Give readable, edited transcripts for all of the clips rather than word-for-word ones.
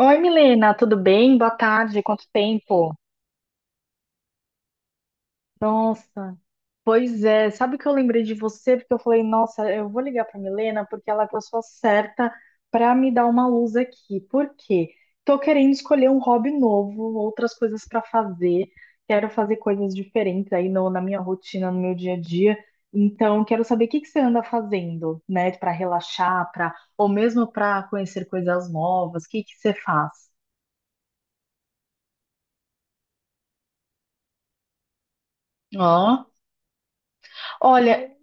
Oi, Milena, tudo bem? Boa tarde, quanto tempo? Nossa, pois é, sabe que eu lembrei de você porque eu falei, nossa, eu vou ligar para Milena porque ela é a pessoa certa para me dar uma luz aqui. Por quê? Tô querendo escolher um hobby novo, outras coisas para fazer. Quero fazer coisas diferentes aí na minha rotina, no meu dia a dia. Então, quero saber o que que você anda fazendo, né, para relaxar, para ou mesmo para conhecer coisas novas. O que que você faz? Ó, olha,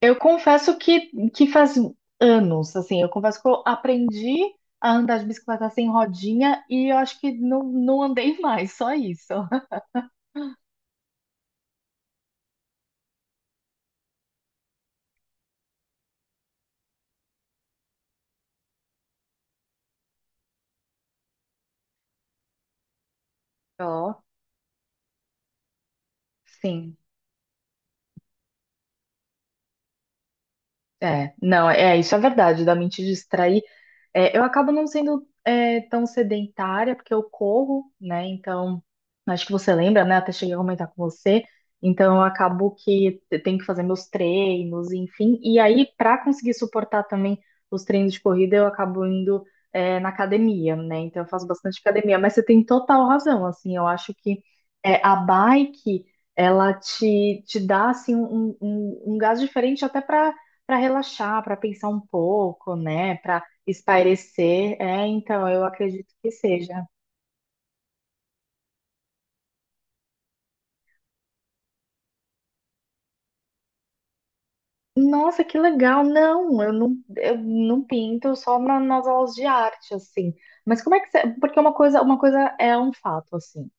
eu confesso que faz anos, assim, eu confesso que eu aprendi a andar de bicicleta sem rodinha e eu acho que não, não andei mais, só isso. Ó, sim, é, não, é, isso é verdade, da mente distrair. É, eu acabo não sendo tão sedentária, porque eu corro, né? Então, acho que você lembra, né? Até cheguei a comentar com você. Então, eu acabo que eu tenho que fazer meus treinos, enfim. E aí, para conseguir suportar também os treinos de corrida, eu acabo indo na academia, né? Então, eu faço bastante academia. Mas você tem total razão, assim. Eu acho que a bike, ela te dá, assim, um gás diferente até para relaxar, para pensar um pouco, né? Para espairecer, então, eu acredito que seja. Nossa, que legal! Não, eu não pinto só nas aulas de arte, assim. Mas como é que você. Porque uma coisa é um fato, assim.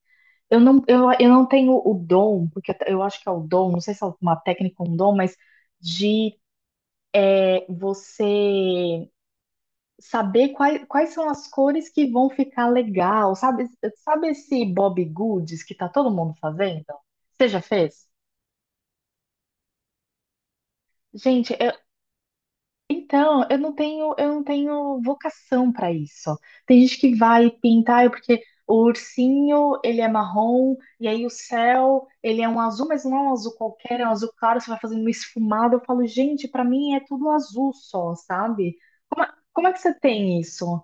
Eu não tenho o dom, porque eu acho que é o dom, não sei se é uma técnica ou um dom, mas de você saber quais são as cores que vão ficar legal. Sabe esse Bob Goods que tá todo mundo fazendo? Você já fez? Gente, então, eu não tenho vocação para isso. Tem gente que vai pintar, é porque o ursinho, ele é marrom, e aí o céu, ele é um azul, mas não é um azul qualquer, é um azul claro, você vai fazendo uma esfumada. Eu falo, gente, para mim é tudo azul só, sabe? Como é que você tem isso?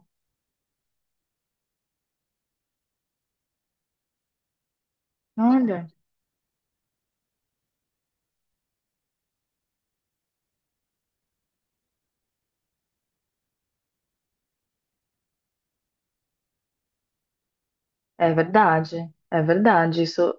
Olha, é verdade, é verdade. Isso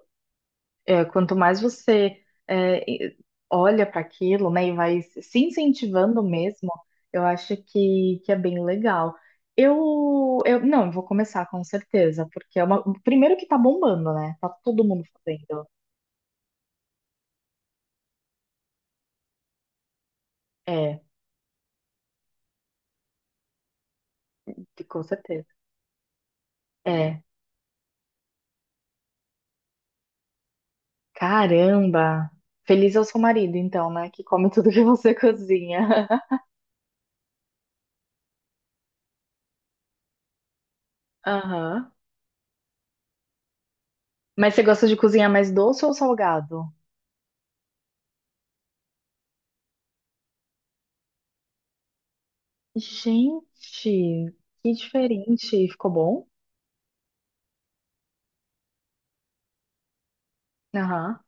é, quanto mais você é, e- olha para aquilo, né, e vai se incentivando mesmo, eu acho que é bem legal. Não, eu vou começar com certeza, porque é uma, primeiro que tá bombando, né? Tá todo mundo fazendo. É, com certeza. É, caramba. Feliz é o seu marido, então, né, que come tudo que você cozinha. Aham. Mas você gosta de cozinhar mais doce ou salgado? Gente, que diferente. Ficou bom? Aham.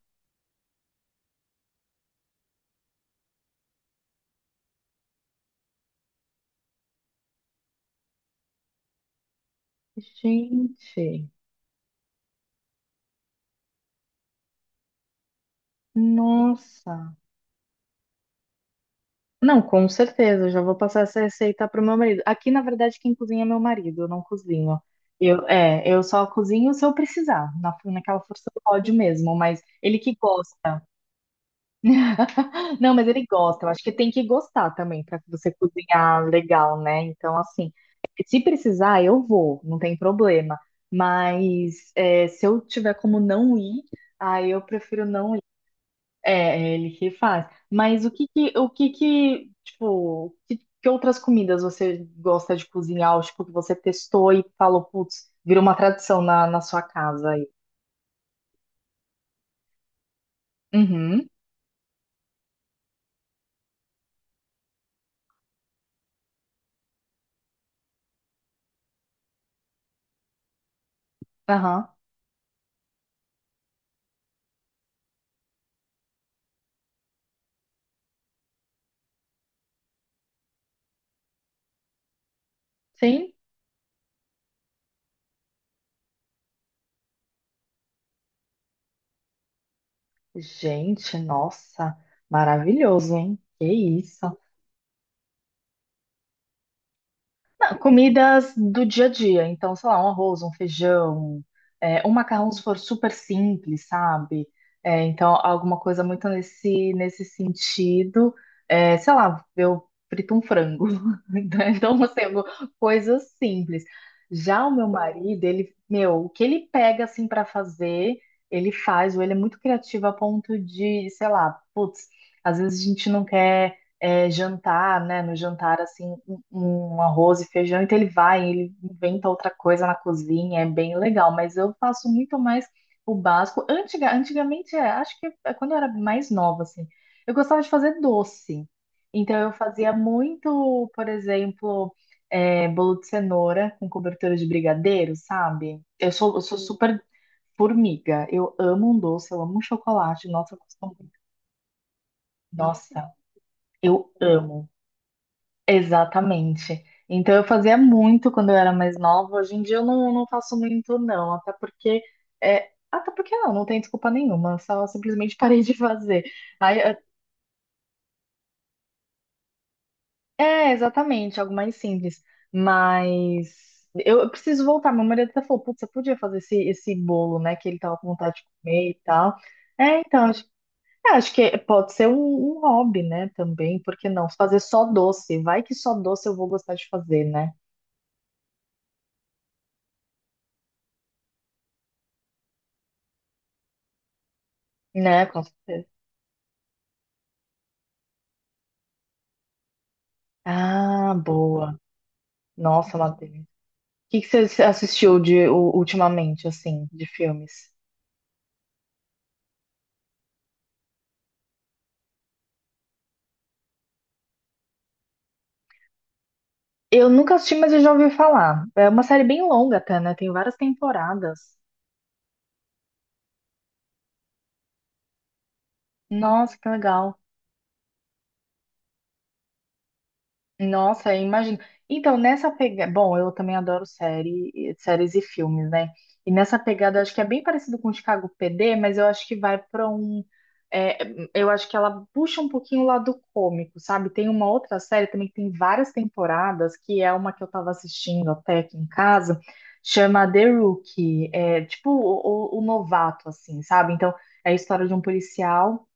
Gente, nossa. Não, com certeza, eu já vou passar essa receita pro meu marido. Aqui, na verdade, quem cozinha é meu marido, eu não cozinho. Eu só cozinho se eu precisar, naquela força do ódio mesmo, mas ele que gosta. Não, mas ele gosta, eu acho que tem que gostar também para você cozinhar legal, né? Então, assim, se precisar, eu vou, não tem problema. Mas é, se eu tiver como não ir, aí eu prefiro não ir. É, é ele que faz. Mas o que que, tipo, que outras comidas você gosta de cozinhar? Ou, tipo, que você testou e falou, putz, virou uma tradição na sua casa aí. Uhum, aham, sim. Gente, nossa, maravilhoso, hein? Que isso. Comidas do dia a dia, então, sei lá, um arroz, um feijão, um macarrão se for super simples, sabe? É, então, alguma coisa muito nesse sentido. É, sei lá, eu frito um frango. Então, assim, coisas simples. Já o meu marido, ele, meu, o que ele pega, assim, para fazer, ele faz, ou ele é muito criativo a ponto de, sei lá, putz, às vezes a gente não quer jantar, né? No jantar, assim, um arroz e feijão, então ele inventa outra coisa na cozinha, é bem legal, mas eu faço muito mais o básico. Antigamente, acho que é quando eu era mais nova, assim, eu gostava de fazer doce. Então eu fazia muito, por exemplo, bolo de cenoura com cobertura de brigadeiro, sabe? Eu sou super formiga, eu amo um doce, eu amo um chocolate, nossa, nossa, eu amo. Exatamente. Então eu fazia muito quando eu era mais nova. Hoje em dia eu não, não faço muito, não. Até porque. É, até porque não, não tem desculpa nenhuma. Só simplesmente parei de fazer. Aí, exatamente, algo mais simples. Mas eu preciso voltar. Meu marido até falou, putz, você podia fazer esse bolo, né? Que ele tava com vontade de comer e tal. É, então, acho que pode ser um hobby, né? Também, por que não? Fazer só doce. Vai que só doce eu vou gostar de fazer, né? Né, com certeza. Ah, boa. Nossa, Matheus. O que que você assistiu de ultimamente, assim, de filmes? Eu nunca assisti, mas eu já ouvi falar. É uma série bem longa até, né? Tem várias temporadas. Nossa, que legal. Nossa, eu imagino. Então, nessa pegada. Bom, eu também adoro série, séries e filmes, né? E nessa pegada, eu acho que é bem parecido com o Chicago PD, mas eu acho que vai para um. é, eu acho que ela puxa um pouquinho o lado cômico, sabe? Tem uma outra série também que tem várias temporadas, que é uma que eu tava assistindo até aqui em casa, chama The Rookie. É tipo o novato, assim, sabe? Então, é a história de um policial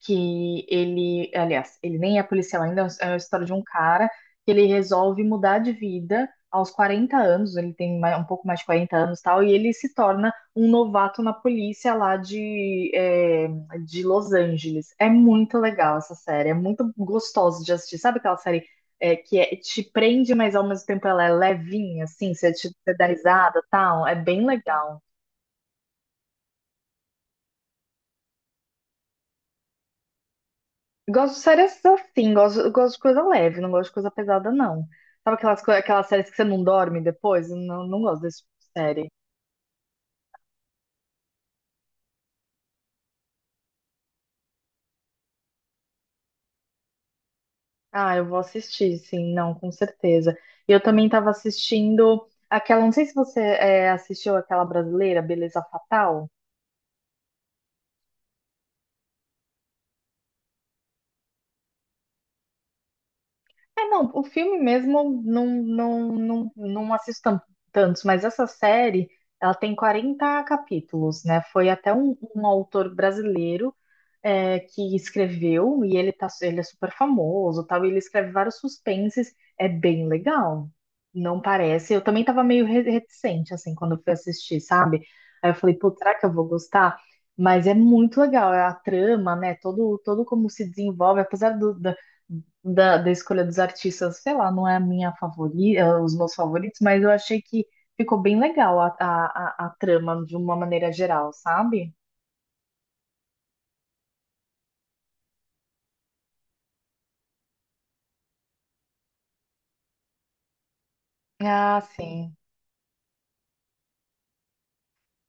que ele, aliás, ele nem é policial ainda, é a história de um cara que ele resolve mudar de vida aos 40 anos, ele tem um pouco mais de 40 anos, e tal, e ele se torna um novato na polícia lá de Los Angeles. É muito legal essa série, é muito gostoso de assistir. Sabe aquela série que te prende, mas ao mesmo tempo ela é levinha, assim, você dá risada, e tal, é bem legal. Gosto de séries assim, gosto de coisa leve, não gosto de coisa pesada, não. Sabe aquelas séries que você não dorme depois? Eu não gosto desse tipo de série. Ah, eu vou assistir, sim, não, com certeza. Eu também estava assistindo aquela, não sei se você assistiu aquela brasileira, Beleza Fatal. É, não, o filme mesmo não assisto tantos, mas essa série, ela tem 40 capítulos, né? Foi até um, autor brasileiro que escreveu, e ele, tá, ele é super famoso, tal, e ele escreve vários suspenses, é bem legal. Não parece. Eu também tava meio reticente, assim, quando eu fui assistir, sabe? Aí eu falei, pô, será que eu vou gostar? Mas é muito legal, é a trama, né? Todo como se desenvolve, apesar da escolha dos artistas, sei lá, não é a minha favorita, os meus favoritos, mas eu achei que ficou bem legal a trama de uma maneira geral, sabe? Ah, sim.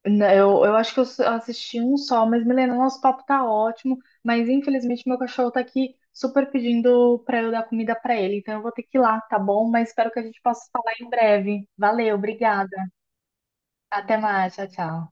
Né. Eu acho que eu assisti um só, mas Milena, nosso papo tá ótimo, mas infelizmente meu cachorro tá aqui super pedindo pra eu dar comida pra ele, então eu vou ter que ir lá, tá bom? Mas espero que a gente possa falar em breve. Valeu, obrigada. Até mais, tchau, tchau.